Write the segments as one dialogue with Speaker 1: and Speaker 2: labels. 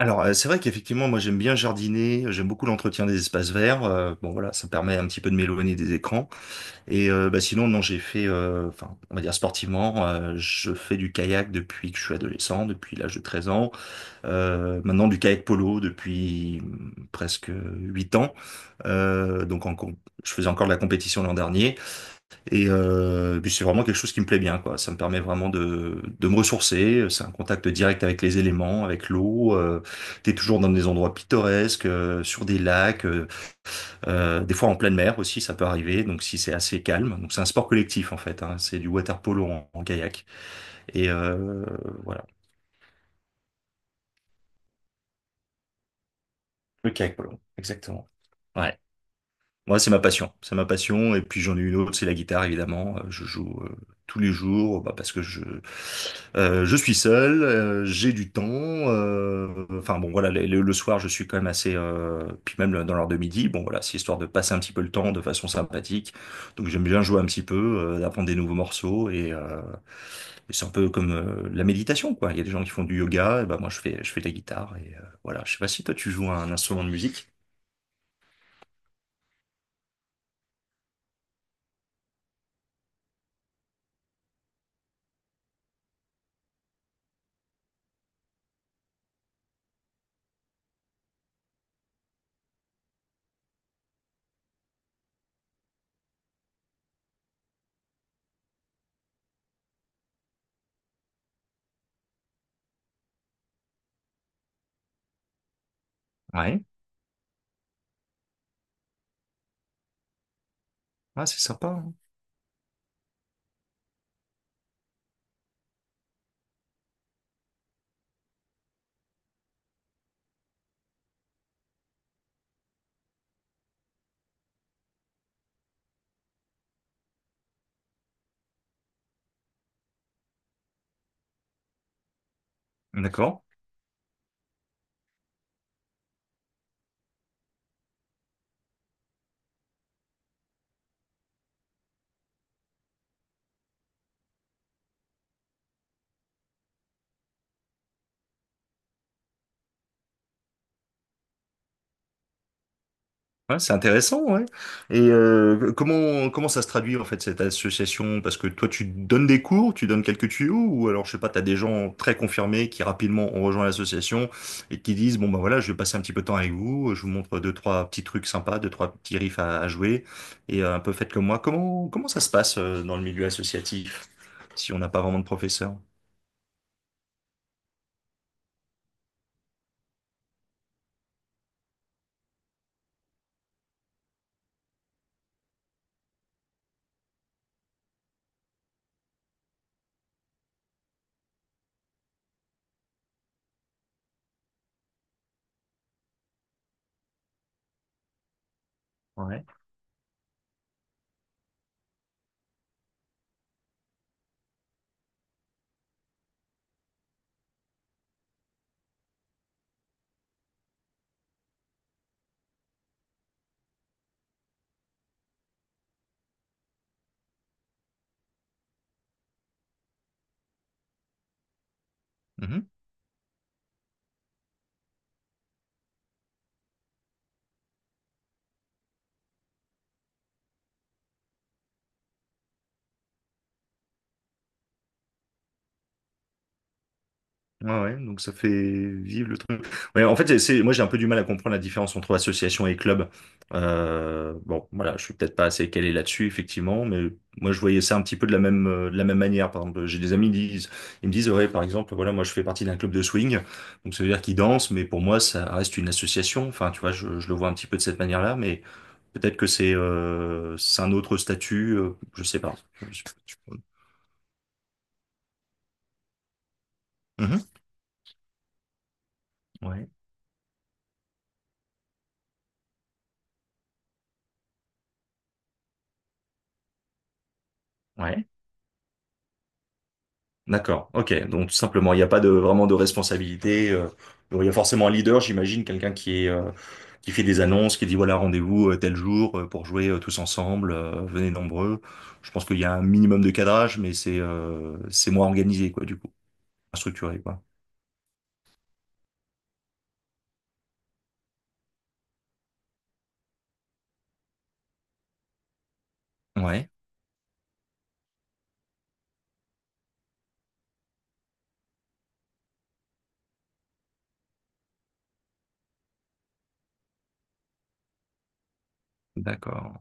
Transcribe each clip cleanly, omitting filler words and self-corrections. Speaker 1: Alors, c'est vrai qu'effectivement, moi, j'aime bien jardiner, j'aime beaucoup l'entretien des espaces verts. Bon, voilà, ça permet un petit peu de m'éloigner des écrans. Et bah, sinon, non, j'ai fait, enfin, on va dire sportivement, je fais du kayak depuis que je suis adolescent, depuis l'âge de 13 ans. Maintenant, du kayak polo depuis presque 8 ans. Donc, je faisais encore de la compétition l'an dernier. Et puis c'est vraiment quelque chose qui me plaît bien, quoi. Ça me permet vraiment de me ressourcer. C'est un contact direct avec les éléments, avec l'eau. T'es toujours dans des endroits pittoresques, sur des lacs, des fois en pleine mer aussi, ça peut arriver. Donc si c'est assez calme, donc c'est un sport collectif en fait. Hein. C'est du water polo en kayak et voilà, le kayak polo, exactement. Ouais. Moi, c'est ma passion. C'est ma passion. Et puis j'en ai une autre, c'est la guitare, évidemment. Je joue tous les jours, bah, parce que je suis seul, j'ai du temps. Enfin bon, voilà, le soir, je suis quand même assez. Puis même dans l'heure de midi, bon voilà, c'est histoire de passer un petit peu le temps de façon sympathique. Donc j'aime bien jouer un petit peu, d'apprendre des nouveaux morceaux. Et c'est un peu comme la méditation, quoi. Il y a des gens qui font du yoga, et bah, moi je fais de la guitare. Et voilà, je sais pas si toi tu joues un instrument de musique. Ouais, ouais, c'est sympa, hein. D'accord. Ouais, c'est intéressant, ouais. Et comment ça se traduit en fait cette association? Parce que toi, tu donnes des cours, tu donnes quelques tuyaux, ou alors je sais pas, t'as des gens très confirmés qui rapidement ont rejoint l'association et qui disent bon ben voilà, je vais passer un petit peu de temps avec vous, je vous montre deux trois petits trucs sympas, deux trois petits riffs à jouer et un peu faites comme moi. Comment ça se passe dans le milieu associatif si on n'a pas vraiment de professeur? Ouais. Ah ouais, donc ça fait vivre le truc. Ouais, en fait, moi j'ai un peu du mal à comprendre la différence entre association et club. Bon, voilà, je suis peut-être pas assez calé là-dessus, effectivement, mais moi je voyais ça un petit peu de la même manière. Par exemple, j'ai des amis ils me disent, ouais, par exemple, voilà, moi je fais partie d'un club de swing, donc ça veut dire qu'ils dansent, mais pour moi ça reste une association. Enfin, tu vois, je le vois un petit peu de cette manière-là, mais peut-être que c'est un autre statut, je sais pas. Je- je- Mhm. Ouais, ouais. D'accord, ok. Donc tout simplement, il n'y a pas de vraiment de responsabilité. Il y a forcément un leader, j'imagine, quelqu'un qui fait des annonces, qui dit voilà, rendez-vous tel jour pour jouer tous ensemble, venez nombreux. Je pense qu'il y a un minimum de cadrage, mais c'est moins organisé, quoi, du coup, moins structuré, quoi. Ouais, d'accord.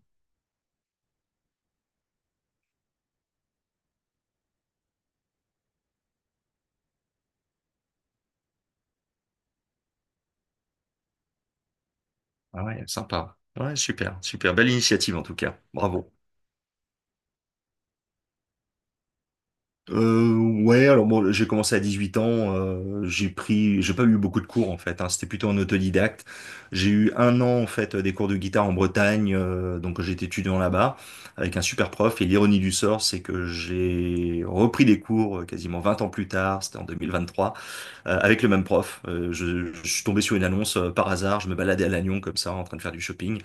Speaker 1: Ah ouais, sympa. Ouais, super, super. Belle initiative en tout cas. Bravo. Euh, ouais, alors bon, j'ai commencé à 18 ans, j'ai pas eu beaucoup de cours en fait, hein, c'était plutôt en autodidacte. J'ai eu 1 an en fait des cours de guitare en Bretagne, donc j'étais étudiant là-bas avec un super prof. Et l'ironie du sort, c'est que j'ai repris des cours quasiment 20 ans plus tard, c'était en 2023, avec le même prof. Je suis tombé sur une annonce par hasard, je me baladais à Lannion comme ça en train de faire du shopping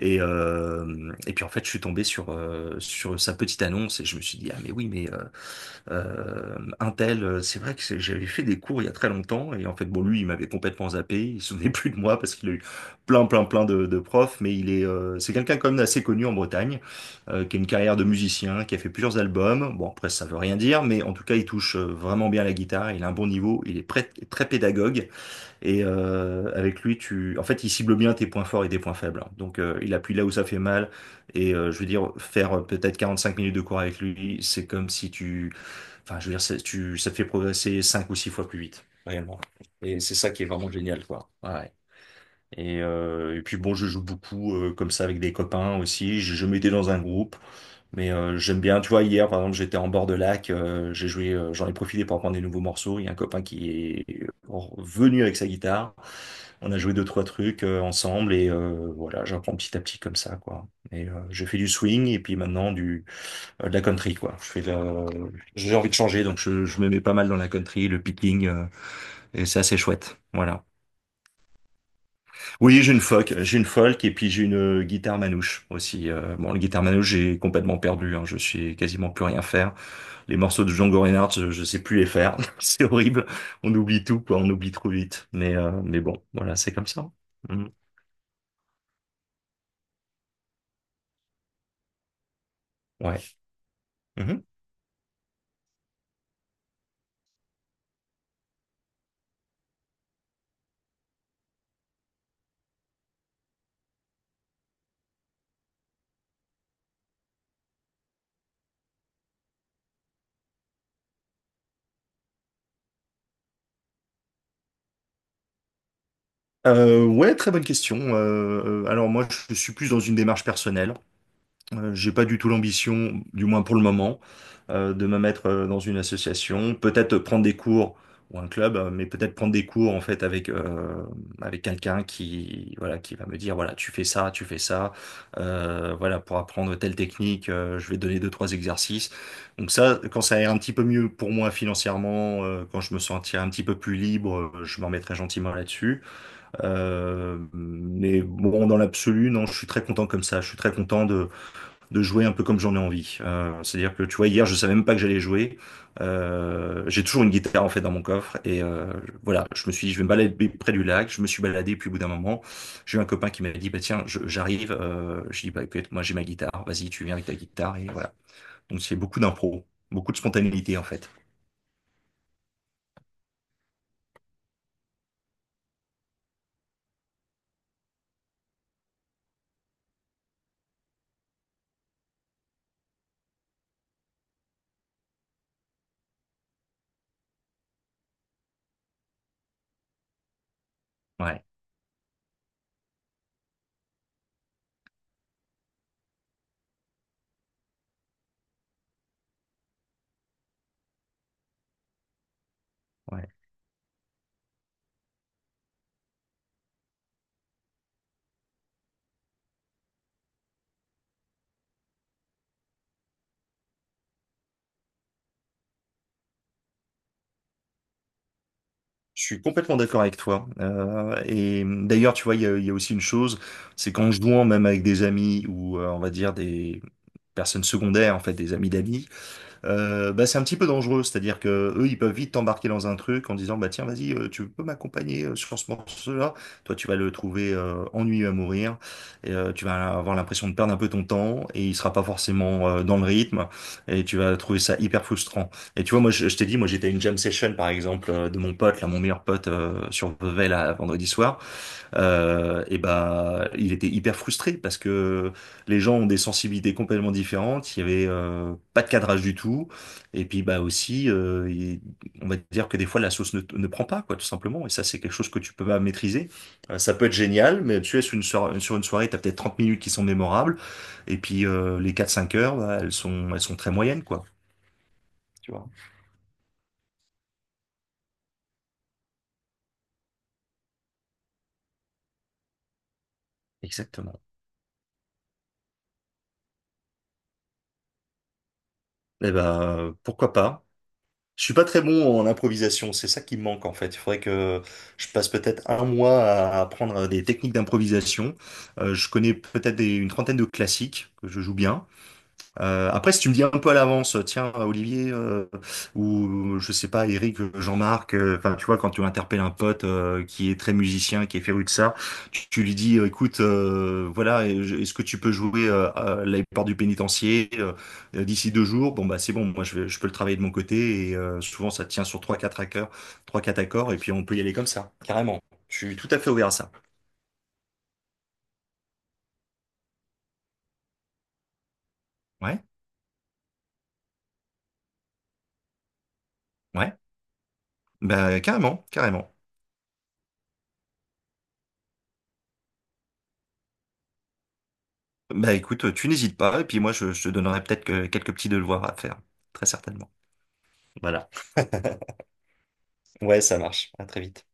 Speaker 1: et puis en fait je suis tombé sur sa petite annonce et je me suis dit ah mais oui mais un tel, c'est vrai que c'est- j'avais fait des cours il y a très longtemps et en fait bon lui il m'avait complètement zappé, il se souvenait plus de moi parce qu'il a eu plein plein plein de profs, mais il est c'est quelqu'un quand même assez connu en Bretagne, qui a une carrière de musicien, qui a fait plusieurs albums. Bon après ça veut rien dire, mais en tout cas il touche vraiment bien la guitare, il a un bon niveau, très pédagogue et avec lui tu en fait il cible bien tes points forts et tes points faibles. Donc il appuie là où ça fait mal et je veux dire faire peut-être 45 minutes de cours avec lui, c'est comme si tu enfin, je veux dire, ça te fait progresser cinq ou six fois plus vite, réellement. Et c'est ça qui est vraiment génial, quoi. Ouais. Ouais. Et puis bon, je joue beaucoup comme ça avec des copains aussi. Je m'étais dans un groupe, mais j'aime bien. Tu vois, hier, par exemple, j'étais en bord de lac. J'ai joué, j'en ai profité pour apprendre des nouveaux morceaux. Il y a un copain qui est venu avec sa guitare. On a joué deux, trois trucs ensemble et voilà, j'apprends petit à petit comme ça, quoi. Et j'ai fait du swing et puis maintenant du de la country, quoi. Je fais le. J'ai envie de changer, donc je me mets pas mal dans la country, le picking, et c'est assez chouette. Voilà. Oui, j'ai une folk, et puis j'ai une guitare manouche aussi. Bon, la guitare manouche, j'ai complètement perdu, hein. Je sais quasiment plus rien faire. Les morceaux de Django Reinhardt, je sais plus les faire. C'est horrible. On oublie tout, quoi. On oublie trop vite. Mais bon, voilà, c'est comme ça. Mhm. Ouais. Mhm. Ouais, très bonne question. Alors moi, je suis plus dans une démarche personnelle. J'ai pas du tout l'ambition, du moins pour le moment, de me mettre dans une association. Peut-être prendre des cours ou un club, mais peut-être prendre des cours en fait avec quelqu'un qui voilà qui va me dire voilà tu fais ça, voilà pour apprendre telle technique, je vais te donner deux trois exercices. Donc ça, quand ça ira un petit peu mieux pour moi financièrement, quand je me sentirai un petit peu plus libre, je m'en mettrai gentiment là-dessus. Mais bon, dans l'absolu, non, je suis très content comme ça. Je suis très content de jouer un peu comme j'en ai envie. C'est-à-dire que tu vois, hier, je savais même pas que j'allais jouer. J'ai toujours une guitare en fait dans mon coffre et voilà, je me suis dit, je vais me balader près du lac. Je me suis baladé, puis au bout d'un moment, j'ai eu un copain qui m'a dit, bah tiens, j'arrive. Je dis, bah écoute, moi j'ai ma guitare. Vas-y, tu viens avec ta guitare et voilà. Donc c'est beaucoup d'impro, beaucoup de spontanéité en fait. Ouais, ouais. Je suis complètement d'accord avec toi. Et d'ailleurs, tu vois, il y a aussi une chose, c'est qu'en jouant même avec des amis ou on va dire des personnes secondaires, en fait, des amis d'amis, bah, c'est un petit peu dangereux. C'est-à-dire que eux, ils peuvent vite t'embarquer dans un truc en disant, bah tiens, vas-y, tu peux m'accompagner sur ce morceau-là. Toi, tu vas le trouver ennuyeux à mourir. Et, tu vas avoir l'impression de perdre un peu ton temps et il sera pas forcément dans le rythme. Et tu vas trouver ça hyper frustrant. Et tu vois, moi, je t'ai dit, moi, j'étais à une jam session, par exemple, de mon pote, là, mon meilleur pote sur Vevey, là, vendredi soir, et ben, il était hyper frustré parce que les gens ont des sensibilités complètement différentes. Il y avait pas de cadrage du tout. Et puis bah aussi, on va dire que des fois la sauce ne prend pas quoi, tout simplement. Et ça, c'est quelque chose que tu peux pas maîtriser. Ça peut être génial, mais tu es sur une soirée, t'as peut-être 30 minutes qui sont mémorables. Et puis les 4-5 heures, bah, elles sont très moyennes quoi. Tu vois. Exactement. Eh ben, pourquoi pas? Je suis pas très bon en improvisation, c'est ça qui me manque en fait. Il faudrait que je passe peut-être 1 mois à apprendre des techniques d'improvisation. Je connais peut-être une trentaine de classiques que je joue bien. Après, si tu me dis un peu à l'avance, tiens, Olivier, ou je sais pas, Eric, Jean-Marc, enfin, tu vois, quand tu interpelles un pote qui est très musicien, qui est féru de ça, tu lui dis, écoute, voilà, et est-ce que tu peux jouer à la porte du pénitencier d'ici 2 jours? Bon, bah, c'est bon, moi, je peux le travailler de mon côté, et souvent, ça tient sur trois, quatre accords, et puis on peut y aller comme ça, carrément. Je suis tout à fait ouvert à ça. Ouais, ouais, bah, carrément, carrément. Bah écoute, tu n'hésites pas, et puis moi je te donnerai peut-être quelques petits devoirs à faire, très certainement. Voilà. Ouais, ça marche. À très vite.